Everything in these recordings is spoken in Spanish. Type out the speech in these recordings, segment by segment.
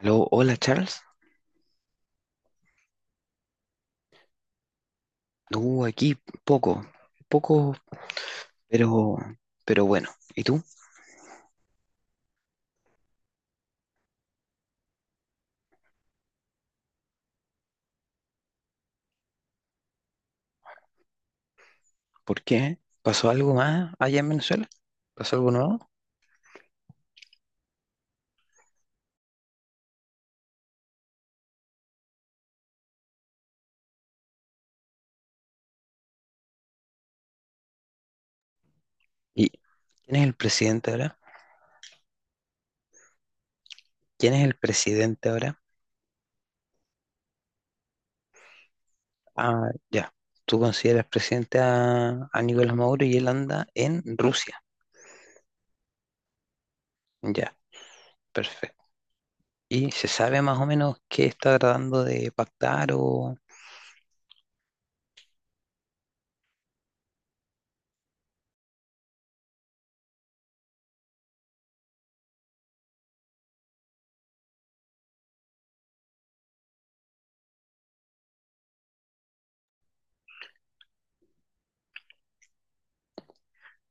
Aló, hola Charles. No, aquí poco, poco, pero, pero bueno. ¿Y tú? ¿Por qué? ¿Pasó algo más allá en Venezuela? ¿Pasó algo nuevo? ¿Y quién es el presidente ahora? ¿Quién es el presidente ahora? Ah, ya. Tú consideras presidente a Nicolás Maduro y él anda en Rusia. Ya, perfecto. ¿Y se sabe más o menos qué está tratando de pactar o...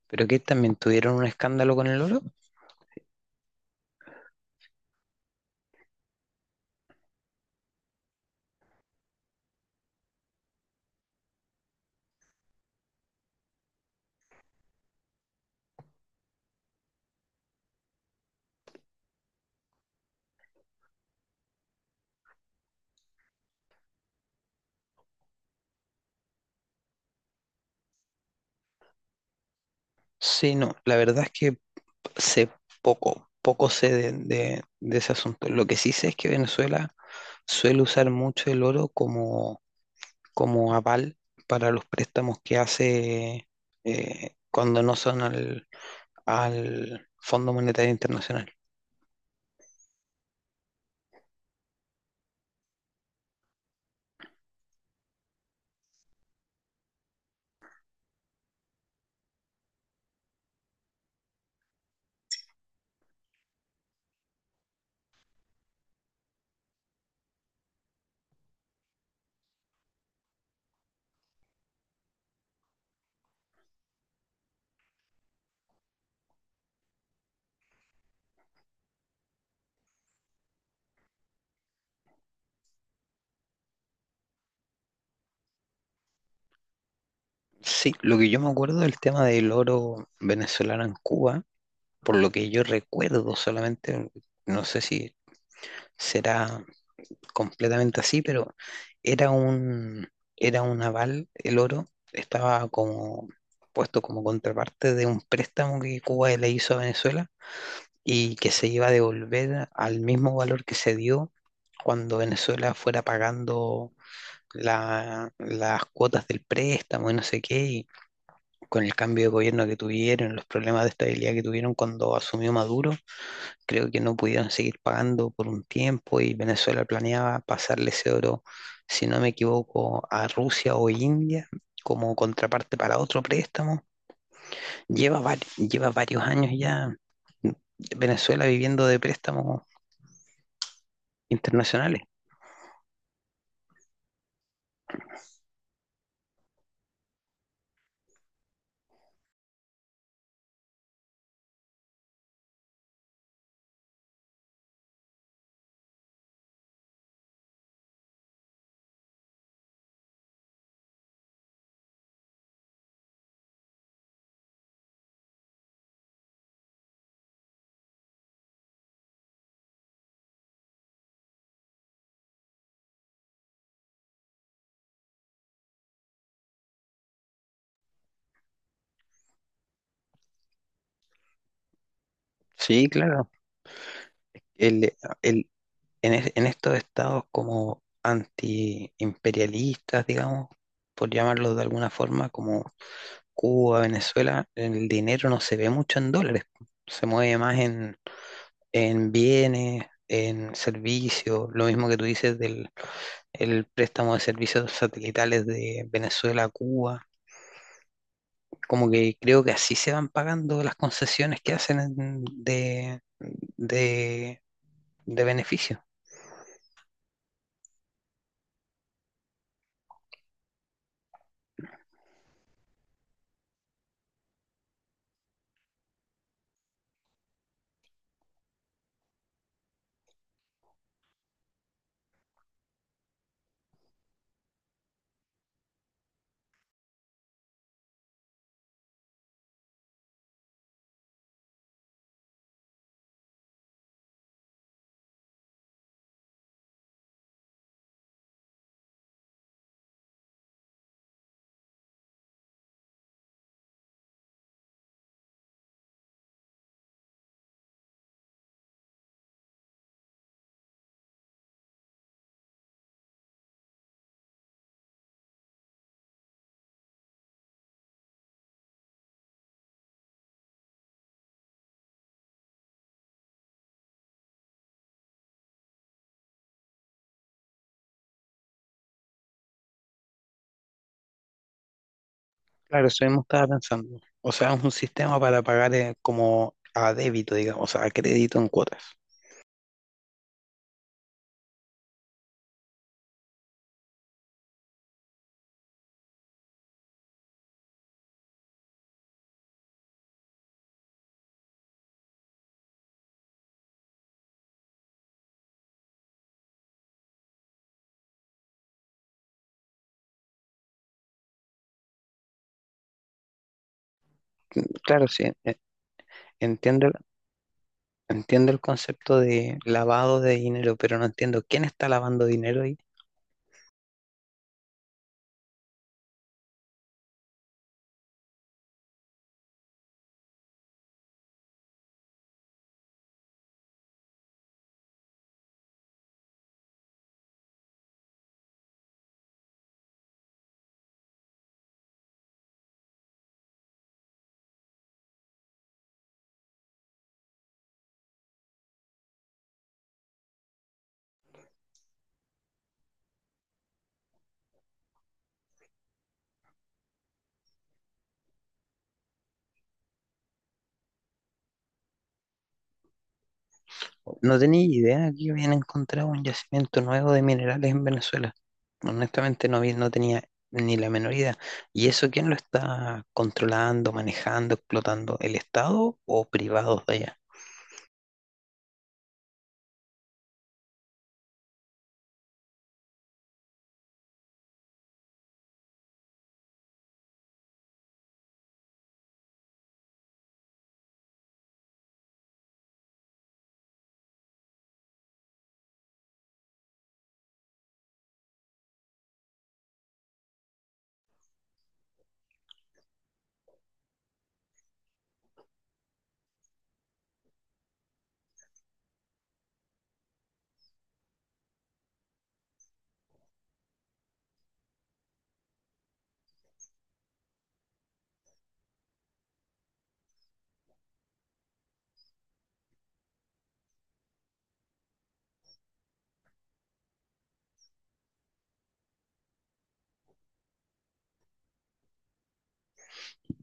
pero que también tuvieron un escándalo con el oro? Sí, no. La verdad es que sé poco, poco sé de ese asunto. Lo que sí sé es que Venezuela suele usar mucho el oro como aval para los préstamos que hace cuando no son al Fondo Monetario Internacional. Sí, lo que yo me acuerdo del tema del oro venezolano en Cuba, por lo que yo recuerdo solamente, no sé si será completamente así, pero era un, era un aval, el oro estaba como puesto como contraparte de un préstamo que Cuba le hizo a Venezuela y que se iba a devolver al mismo valor que se dio cuando Venezuela fuera pagando las cuotas del préstamo y no sé qué, y con el cambio de gobierno que tuvieron, los problemas de estabilidad que tuvieron cuando asumió Maduro, creo que no pudieron seguir pagando por un tiempo y Venezuela planeaba pasarle ese oro, si no me equivoco, a Rusia o India como contraparte para otro préstamo. Lleva varios años ya Venezuela viviendo de préstamos internacionales. Sí, claro. El, el- en estos estados como antiimperialistas, digamos, por llamarlos de alguna forma, como Cuba, Venezuela, el dinero no se ve mucho en dólares, se mueve más en bienes, en servicios, lo mismo que tú dices del el préstamo de servicios satelitales de Venezuela a Cuba, como que creo que así se van pagando las concesiones que hacen de, de beneficio. Claro, eso mismo estaba pensando. O sea, es un sistema para pagar como a débito, digamos, o sea, a crédito en cuotas. Claro, sí, entiendo, entiendo el concepto de lavado de dinero, pero no entiendo quién está lavando dinero ahí. No tenía idea que habían encontrado un yacimiento nuevo de minerales en Venezuela. Honestamente no, no tenía ni la menor idea. ¿Y eso quién lo está controlando, manejando, explotando? ¿El Estado o privados de allá?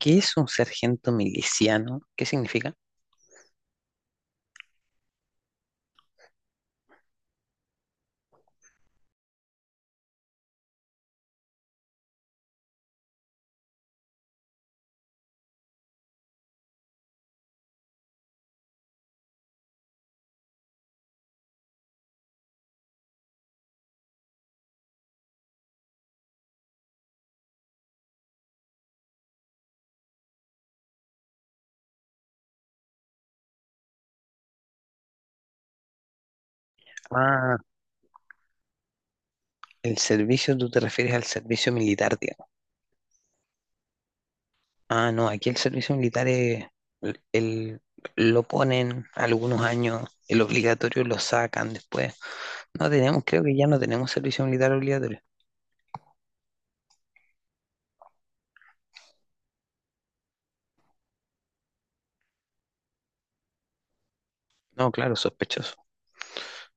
¿Qué es un sargento miliciano? ¿Qué significa? Ah, el servicio, tú te refieres al servicio militar. Ah, no, aquí el servicio militar es, el, el- lo ponen algunos años, el obligatorio lo sacan después. No tenemos, creo que ya no tenemos servicio militar obligatorio. No, claro, sospechoso.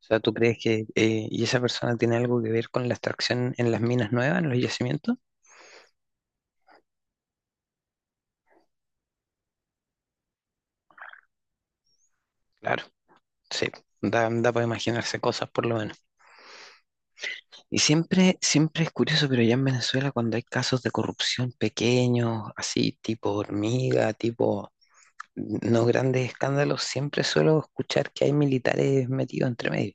O sea, ¿tú crees que y esa persona tiene algo que ver con la extracción en las minas nuevas, en los yacimientos? Claro, sí, da, da para imaginarse cosas por lo menos. Y siempre, siempre es curioso, pero ya en Venezuela cuando hay casos de corrupción pequeños, así tipo hormiga, tipo no grandes escándalos, siempre suelo escuchar que hay militares metidos entre medio.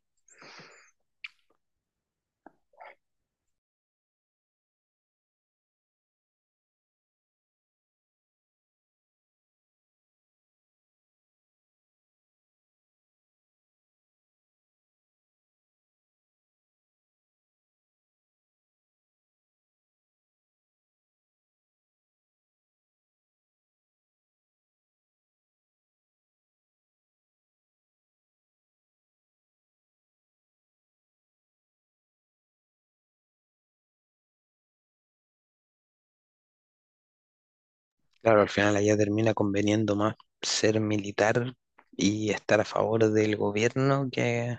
Claro, al final allá termina conveniendo más ser militar y estar a favor del gobierno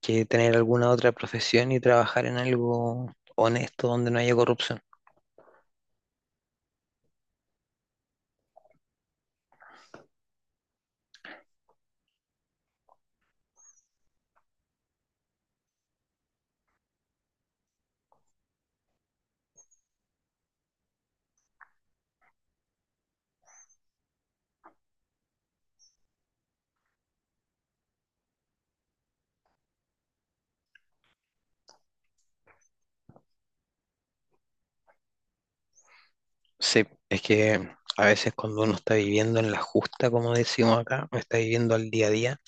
que tener alguna otra profesión y trabajar en algo honesto donde no haya corrupción. Sí, es que a veces cuando uno está viviendo en la justa, como decimos acá, está viviendo al día a día,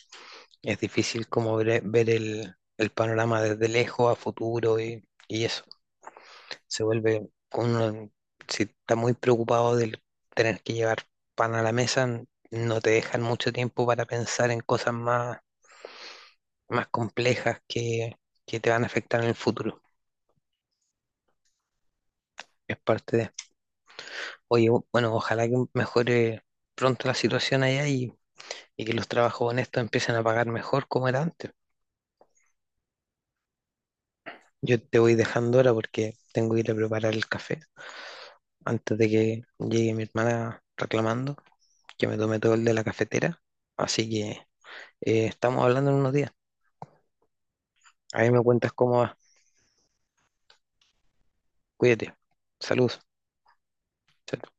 es difícil como ver, ver el panorama desde lejos a futuro y eso. Se vuelve uno, si está muy preocupado del tener que llevar pan a la mesa, no te dejan mucho tiempo para pensar en cosas más, más complejas que te van a afectar en el futuro. Es parte de, oye, bueno, ojalá que mejore pronto la situación allá y que los trabajos honestos empiecen a pagar mejor como era antes. Yo te voy dejando ahora porque tengo que ir a preparar el café antes de que llegue mi hermana reclamando que me tome todo el de la cafetera. Así que eh, estamos hablando en unos días. Ahí me cuentas cómo va. Cuídate. Salud. Chao,